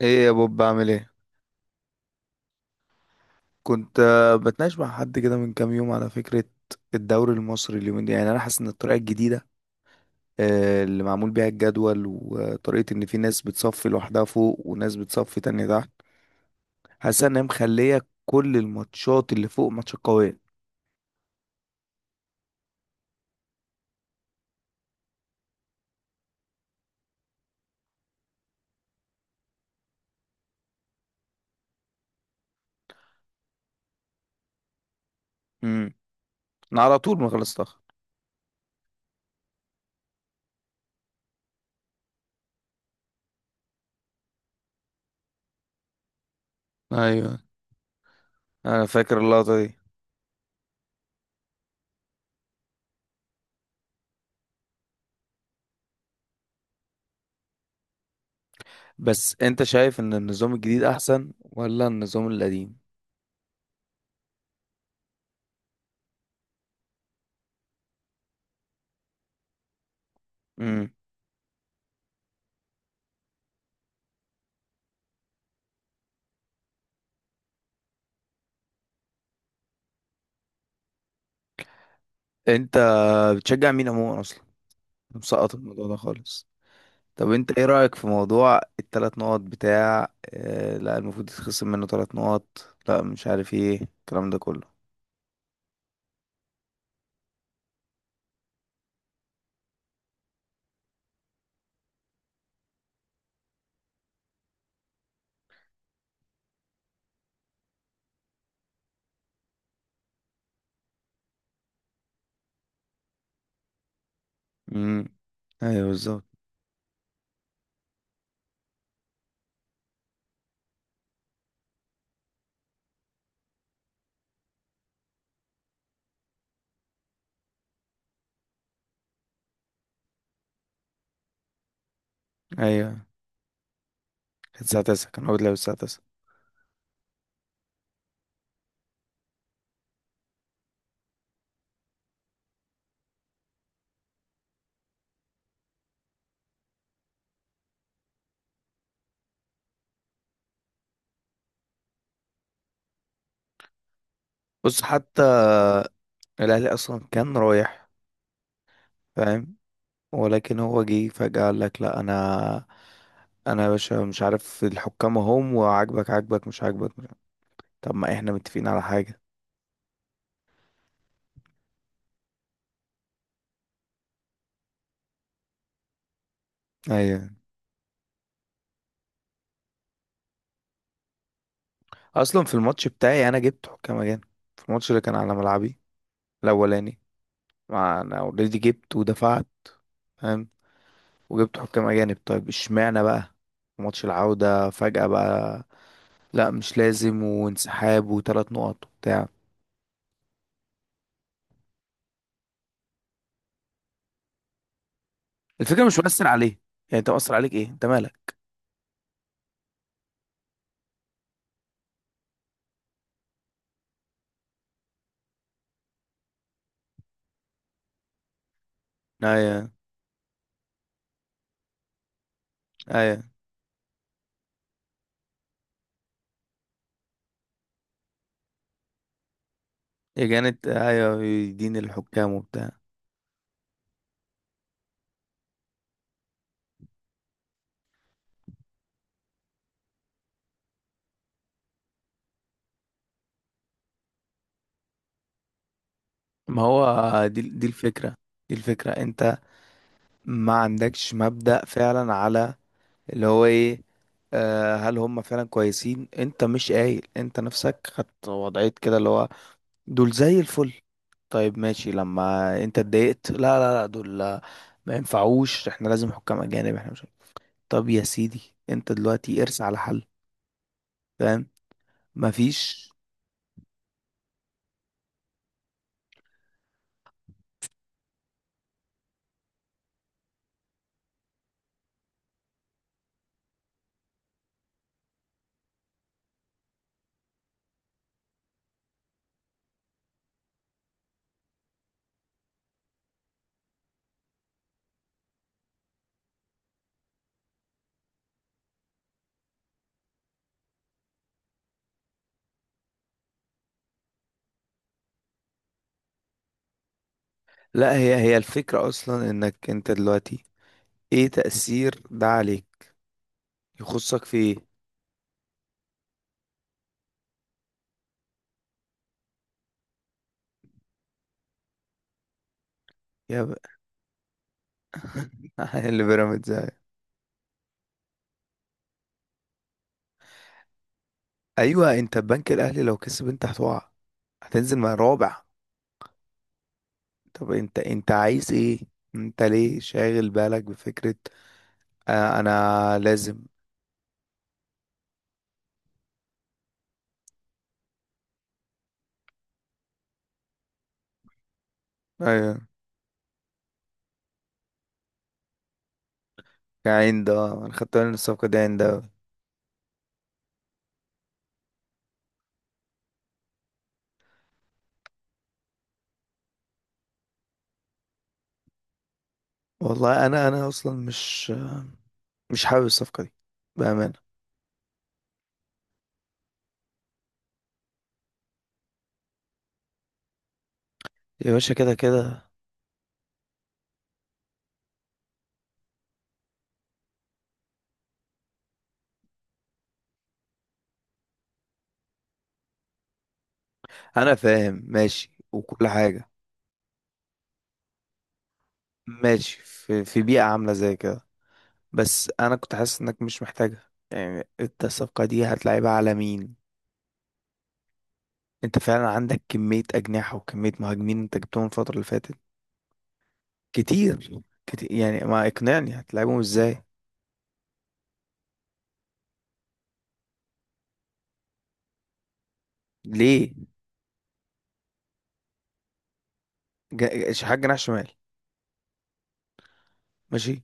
ايه يا بوب بعمل ايه؟ كنت بتناقش مع حد كده من كام يوم على فكرة. الدوري المصري اليومين دي، يعني انا حاسس ان الطريقة الجديدة اللي معمول بيها الجدول، وطريقة ان في ناس بتصفي لوحدها فوق وناس بتصفي تانية تحت، حاسس ان هي مخلية كل الماتشات اللي فوق ماتشات قوية. امم انا على طول ما خلصتها. ايوه، انا فاكر اللقطة دي. بس انت شايف ان النظام الجديد احسن ولا النظام القديم؟ امم انت بتشجع مين عموما اصلا؟ مسقط الموضوع ده خالص. طب انت ايه رأيك في موضوع التلات نقط بتاع، اه لا المفروض يتخصم منه تلات نقط، لا مش عارف ايه الكلام ده كله. امم ايوه بالظبط. ايوه. كانت الساعة 9، كان هو بيلعب الساعة 9. بص حتى الاهلي اصلا كان رايح. فاهم؟ ولكن هو جه فجأة قال لك لا، انا انا يا باشا مش عارف الحكام اهم، وعاجبك عاجبك، مش عاجبك مش عاجبك. طب ما احنا متفقين على حاجة. ايوه. اصلا في الماتش بتاعي انا جبت حكام اجانب، في الماتش اللي كان على ملعبي الاولاني. ما انا اوريدي جبت ودفعت، فاهم، وجبت حكام اجانب. طيب اشمعنى بقى في ماتش العودة فجأة بقى لا مش لازم، وانسحاب وثلاث نقط وبتاع. الفكرة مش مؤثر عليه. يعني انت مؤثر عليك ايه؟ انت مالك؟ ايوه. ايوه يا جانت، ايوه دين الحكام وبتاع. ما هو دي الفكرة. دي الفكرة. انت ما عندكش مبدأ فعلا على اللي هو ايه، هل هم فعلا كويسين. انت مش قايل انت نفسك خدت وضعية كده اللي هو دول زي الفل؟ طيب ماشي، لما انت اتضايقت لا لا لا دول ما ينفعوش، احنا لازم حكام اجانب، احنا مش عارف. طب يا سيدي انت دلوقتي ارس على حل، فاهم؟ مفيش. لا، هي هي الفكرة اصلا انك انت دلوقتي ايه تأثير ده عليك؟ يخصك في ايه؟ يا ب... اللي بيراميدز يعني. ايوه، انت البنك الاهلي لو كسب انت هتقع، هتنزل مع رابع. طب انت انت عايز ايه؟ انت ليه شاغل بالك بفكرة آه انا لازم؟ ايوه. كعند، اه انا خدت بالي ان الصفقه دي عند أوي. والله انا اصلا مش مش حابب الصفقه دي، بامانه. يا باشا كده كده. انا فاهم ماشي وكل حاجه، ماشي، في في بيئه عامله زي كده. بس انا كنت حاسس انك مش محتاجها. يعني انت الصفقه دي هتلعبها على مين؟ انت فعلا عندك كميه اجنحه وكميه مهاجمين انت جبتهم الفتره اللي فاتت كتير كتير، يعني ما اقنعني هتلعبهم ازاي. ليه؟ شحات جناح شمال؟ ماشي.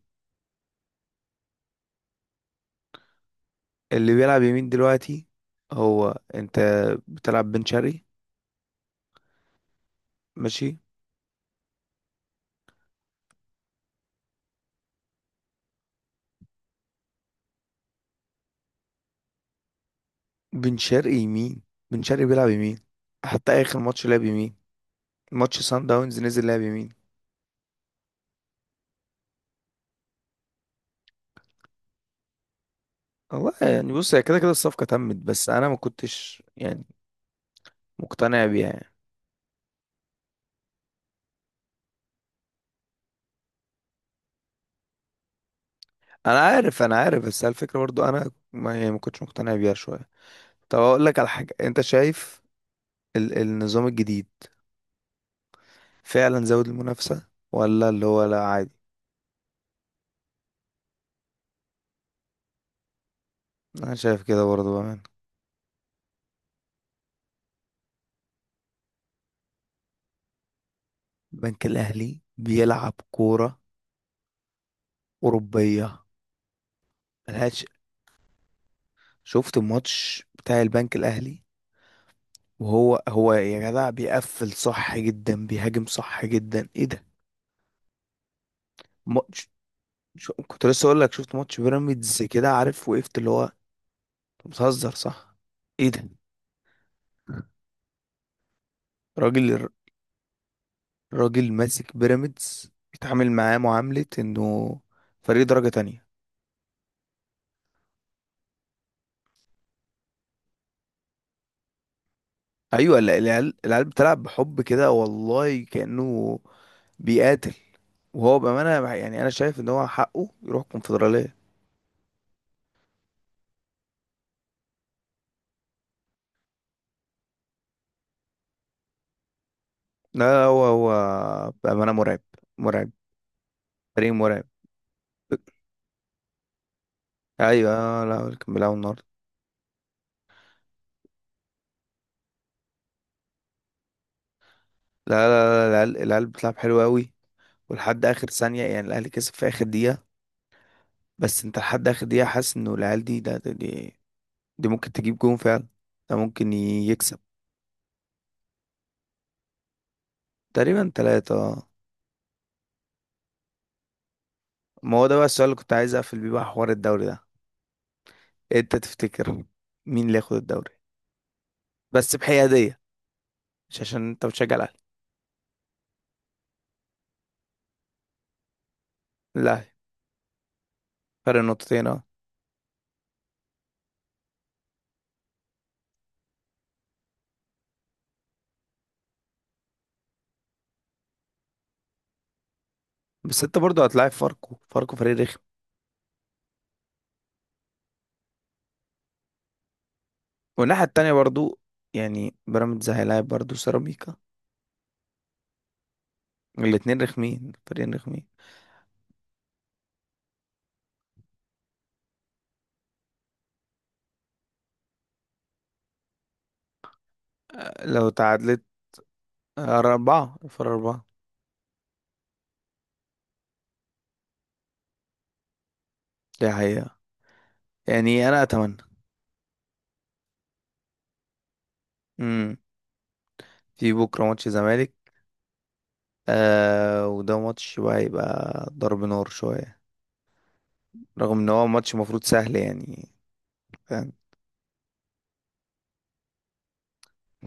اللي بيلعب يمين دلوقتي هو انت بتلعب بن شرقي. ماشي. بن شرقي يمين، بن شرقي بيلعب يمين، حتى اخر ماتش لعب يمين، ماتش سان داونز نزل لعب يمين. والله يعني بص، هي كده كده الصفقة تمت، بس انا ما كنتش يعني مقتنع بيها يعني. انا عارف انا عارف، بس على الفكرة برضو انا ما يعني ما كنتش مقتنع بيها شوية. طب اقول لك على حاجة، انت شايف ال النظام الجديد فعلا زود المنافسة ولا اللي هو لا عادي؟ انا شايف كده برضو بأمانة. البنك الاهلي بيلعب كوره اوروبيه ملهاش. شفت الماتش بتاع البنك الاهلي؟ وهو هو يا جدع بيقفل صح جدا، بيهاجم صح جدا، ايه ده؟ ماتش، كنت لسه اقول لك، شفت ماتش بيراميدز كده، عارف، وقفت اللي هو أنت بتهزر صح، ايه ده؟ راجل، راجل ماسك بيراميدز بيتعامل معاه معاملة انه فريق درجة تانية. ايوه، ال العيال العيال بتلعب بحب كده والله كأنه بيقاتل. يعني أنا شايف إن هو حقه يروح الكونفدرالية. لا لا، هو هو بأمانة مرعب، مرعب، فريق مرعب. أيوة، لا كان بيلعبوا النهاردة. لا لا لا لا، العيال العيال بتلعب حلو أوي، ولحد آخر ثانية، يعني الأهلي كسب في آخر دقيقة، بس أنت لحد آخر دقيقة حاسس إنه العيال دي دي ممكن تجيب جون فعلا، ده ممكن يكسب. تقريبا تلاتة آه. ما هو ده بقى السؤال اللي كنت عايز أقفل بيه بقى حوار الدوري ده. أنت تفتكر مين اللي ياخد الدوري؟ بس بحيادية، مش عشان انت بتشجع الاهلي. لا، فرق نقطتين اه. بس انت برضو هتلاعب فاركو، فاركو فريق رخم، والناحية التانية برضو يعني بيراميدز هيلاعب برضو سيراميكا، الاتنين رخمين، فريقين رخمين. لو تعادلت؟ أربعة، فرق أربعة. دي حقيقة. يعني أنا أتمنى. مم. في بكرة ماتش زمالك، آه وده ماتش بقى هيبقى ضرب نار شوية، رغم إن هو ماتش المفروض سهل يعني. فاهم؟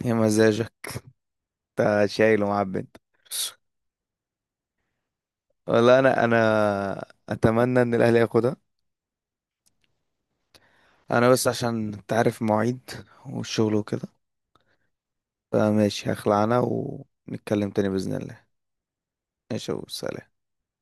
هي مزاجك، أنت شايل ومعبي أنت. والله انا اتمنى ان الاهلي ياخدها. انا بس عشان انت عارف مواعيد والشغل وكده، فماشي هخلع انا، ونتكلم تاني باذن الله. ماشي وسلام.